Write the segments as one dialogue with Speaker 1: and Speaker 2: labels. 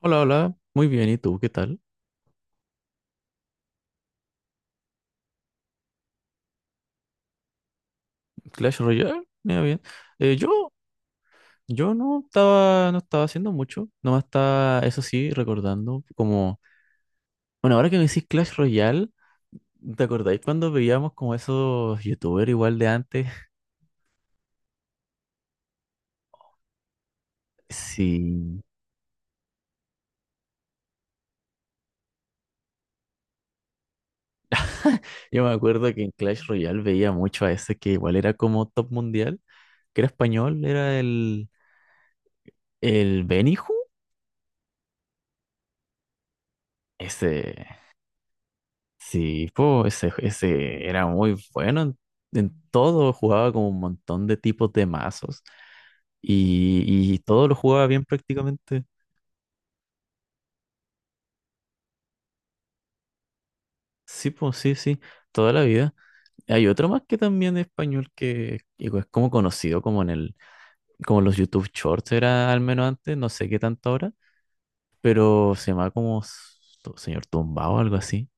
Speaker 1: Hola, hola, muy bien, ¿y tú qué tal? Clash Royale, mira bien. Eh, yo, yo no estaba haciendo mucho, nomás estaba, eso sí, recordando como, bueno, ahora que me decís Clash Royale, ¿te acordáis cuando veíamos como esos youtubers igual de antes? Sí, yo me acuerdo que en Clash Royale veía mucho a ese que igual era como top mundial, que era español, era el Beniju. ese, Sí, pues ese era muy bueno en, todo. Jugaba como un montón de tipos de mazos y todo lo jugaba bien prácticamente. Sí, pues sí, sí, toda la vida. Hay otro más que también es español que es como conocido como como los YouTube Shorts, era al menos antes, no sé qué tanto ahora, pero se llama como Señor Tumbao o algo así.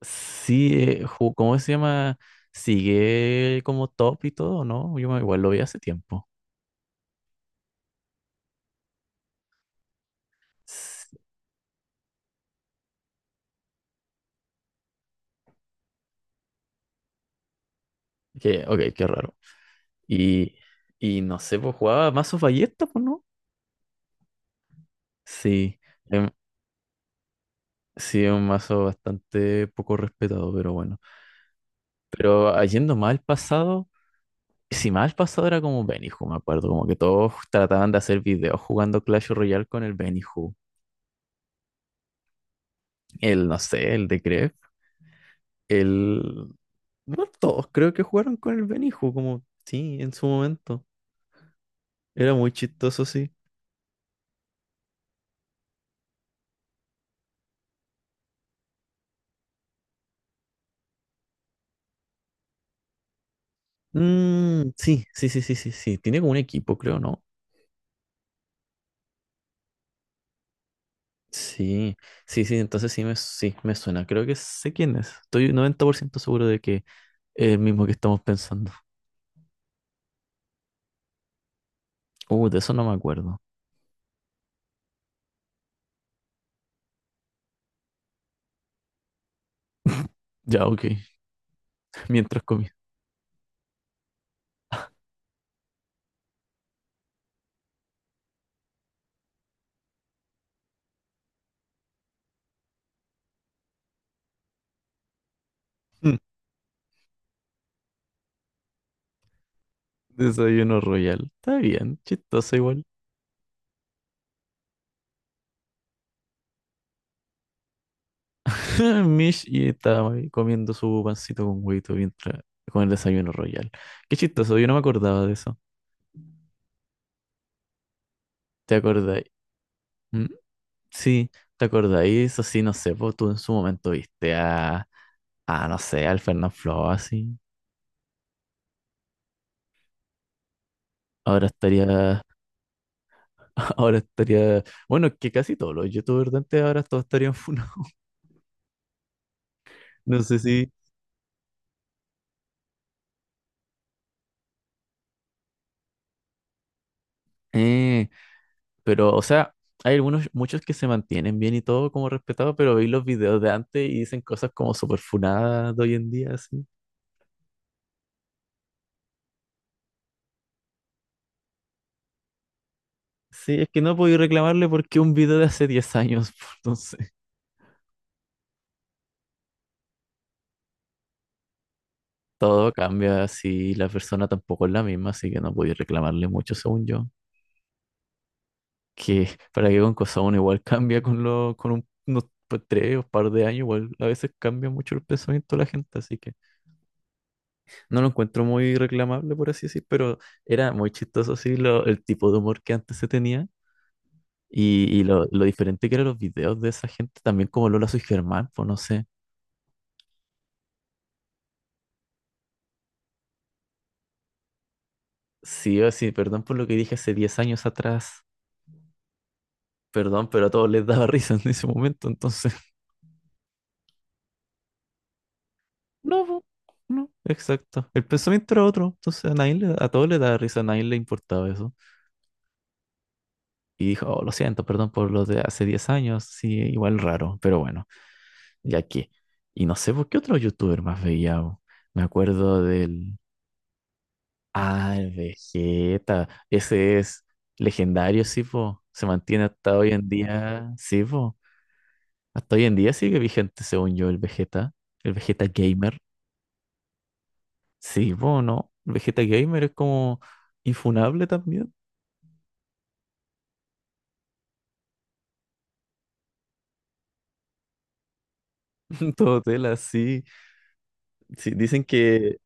Speaker 1: Sí, ¿cómo se llama? Sigue como top y todo, ¿no? Yo igual lo vi hace tiempo. S- Que, ok, qué raro. Y, y no sé, pues jugaba mazos ballesta, pues no. Sí, em, sí, es un mazo bastante poco respetado, pero bueno. Pero yendo más al pasado, si más al pasado era como Benihú, me acuerdo, como que todos trataban de hacer videos jugando Clash Royale con el Benihú. No sé, el de Grefg, el... no todos creo que jugaron con el Benihú, como sí, en su momento. Era muy chistoso, sí. Mm, sí, sí, sí, sí, sí, sí. Tiene como un equipo, creo, ¿no? Sí, sí, sí, entonces sí, me suena. Creo que sé quién es. Estoy 90% seguro de que es el mismo que estamos pensando. De eso no me acuerdo. Ya, ok. Mientras comía. Mm, desayuno royal. Está bien, chistoso igual. Mish y estaba ahí comiendo su pancito con huevito mientras con el desayuno royal. Qué chistoso, yo no me acordaba de eso. ¿Te acordáis? Mm, sí, ¿te acordáis? Eso sí, no sé, pues tú en su momento viste a no sé, al Fernán Flo así. Ahora estaría. Ahora estaría. Bueno, que casi todos los youtubers de antes ahora todos estarían funados. No sé si. Eh, pero, o sea, hay algunos, muchos que se mantienen bien y todo como respetados, pero veis los videos de antes y dicen cosas como súper funadas de hoy en día, así. Sí, es que no podía reclamarle porque un video de hace 10 años, pues, entonces. Todo cambia si la persona tampoco es la misma, así que no podía reclamarle mucho, según yo. Que para que con cosa uno igual cambia con lo con unos pues, 3 o par de años, igual a veces cambia mucho el pensamiento de la gente, así que no lo encuentro muy reclamable, por así decir, pero era muy chistoso así lo, el tipo de humor que antes se tenía y lo diferente que eran los videos de esa gente, también como Lola Soy Germán, pues no sé. Sí, o sí, perdón por lo que dije hace 10 años atrás, perdón, pero a todos les daba risa en ese momento, entonces. No, po, no, exacto. El pensamiento era otro, entonces a nadie a todos les daba risa, a nadie le importaba eso. Y dijo, "Oh, lo siento, perdón por lo de hace 10 años, sí, igual raro, pero bueno, ya que". Y no sé por qué otro youtuber más veía. Bo. Me acuerdo del. Ah, el Vegeta. Ese es legendario, sí, po. Se mantiene hasta hoy en día, sí, po. Hasta hoy en día sigue vigente, según yo, el Vegeta. El Vegeta Gamer. Sí, po, ¿no? El Vegeta Gamer es como infunable también. Todo tela, sí. Sí, dicen que.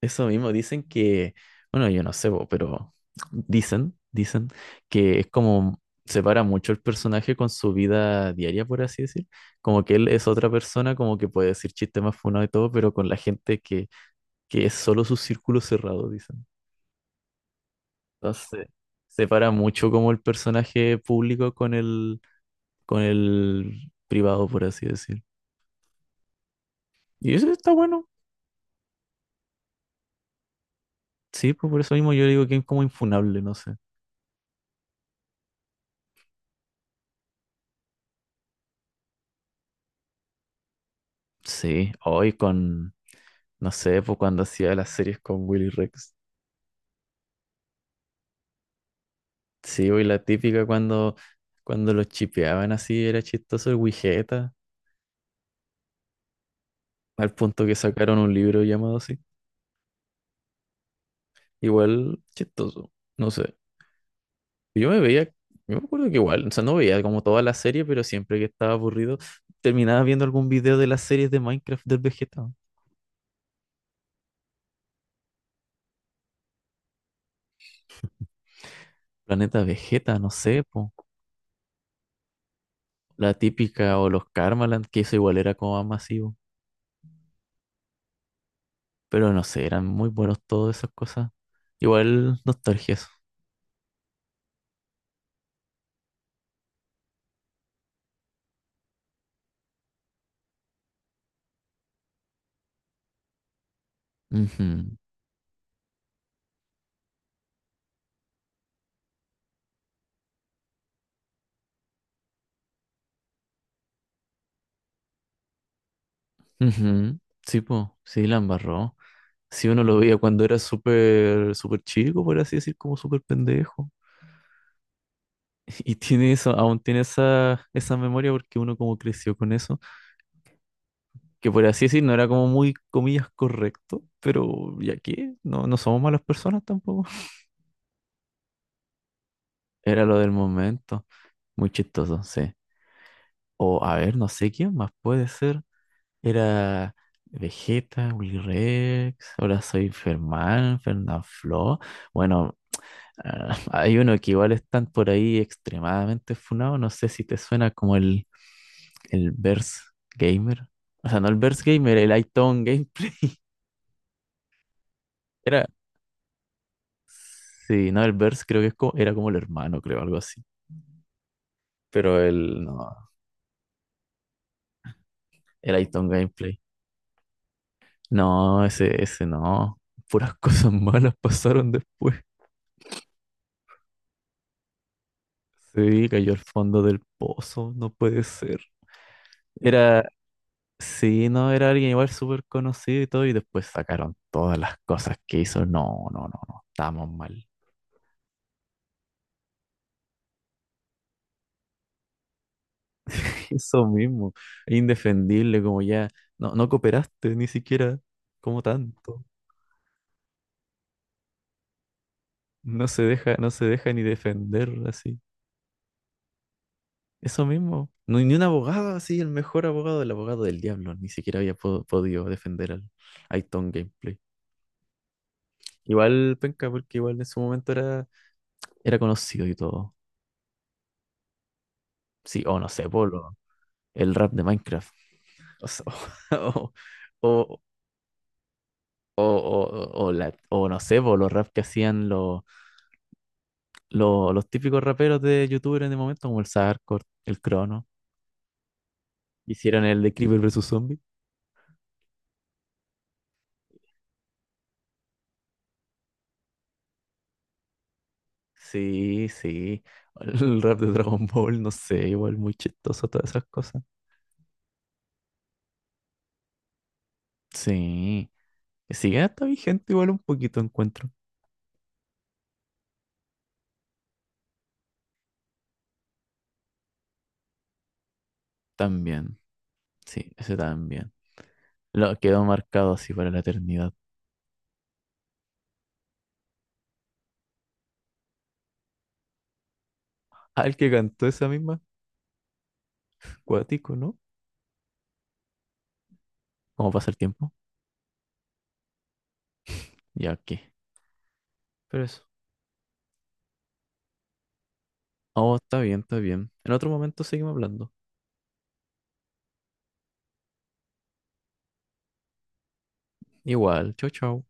Speaker 1: Eso mismo, dicen que, bueno, yo no sé, po, pero dicen que es como separa mucho el personaje con su vida diaria, por así decir. Como que él es otra persona, como que puede decir chistes más funados y todo, pero con la gente que es solo su círculo cerrado, dicen. Entonces, separa mucho como el personaje público con con el privado, por así decir. Y eso está bueno. Sí, pues por eso mismo yo digo que es como infunable, no sé. Sí, hoy con no sé, pues cuando hacía las series con Willy Rex. Sí, pues, y la típica cuando los chipeaban así, era chistoso el Wigeta, al punto que sacaron un libro llamado así. Igual chistoso, no sé. Yo me acuerdo que igual, o sea, no veía como toda la serie, pero siempre que estaba aburrido, terminaba viendo algún video de las series de Minecraft del Vegeta. Planeta Vegeta, no sé, po. La típica o los Karmaland, que eso igual era como más masivo. Pero no sé, eran muy buenos todas esas cosas. Igual nostalgia eso. Ujú, ujú. Sí, po, sí, la embarró. Sí, uno lo veía cuando era súper, súper chico, por así decir, como súper pendejo. Y tiene eso, aún tiene esa memoria porque uno como creció con eso, que por así decir no era como muy, comillas, correcto, pero ya que no, no somos malas personas tampoco. Era lo del momento, muy chistoso, sí. O a ver, no sé quién más puede ser. Era Vegeta, Willy Rex, ahora soy Fermán, Fernanfloo. Bueno, hay uno que igual están por ahí extremadamente funado. No sé si te suena como el Verse Gamer. O sea, no el Verse Gamer, el iTown Gameplay. Era. Sí, no, el Verse creo que es como, era como el hermano, creo, algo así. Pero el no, el iTown Gameplay. No, ese no. Puras cosas malas pasaron después. Sí, cayó al fondo del pozo, no puede ser. Era, sí, no, era alguien igual súper conocido y todo, y después sacaron todas las cosas que hizo. No, no, no, no, estamos mal. Eso mismo, indefendible, como ya, no, no cooperaste ni siquiera como tanto. No se deja, no se deja ni defender así. Eso mismo, no, ni un abogado así, el mejor abogado, el abogado del diablo, ni siquiera había podido defender al Aiton Gameplay. Igual penca, porque igual en su momento era conocido y todo. Sí, o no sé, por el rap de Minecraft. O sea, o, o, o no sé, por los rap que hacían los, los típicos raperos de YouTuber en el momento, como el Sarkor, el Crono. Hicieron el de Creeper versus Zombie. Sí, sí. El rap de Dragon Ball, no sé, igual muy chistoso, todas esas cosas. Sí. Sigue hasta vigente, igual un poquito encuentro. También. Sí, ese también. Lo quedó marcado así para la eternidad. Ah, el que cantó esa misma, cuático, ¿no? ¿Cómo pasa el tiempo? Ya, ¿qué? Pero eso. Oh, está bien, está bien. En otro momento seguimos hablando. Igual, chau, chau.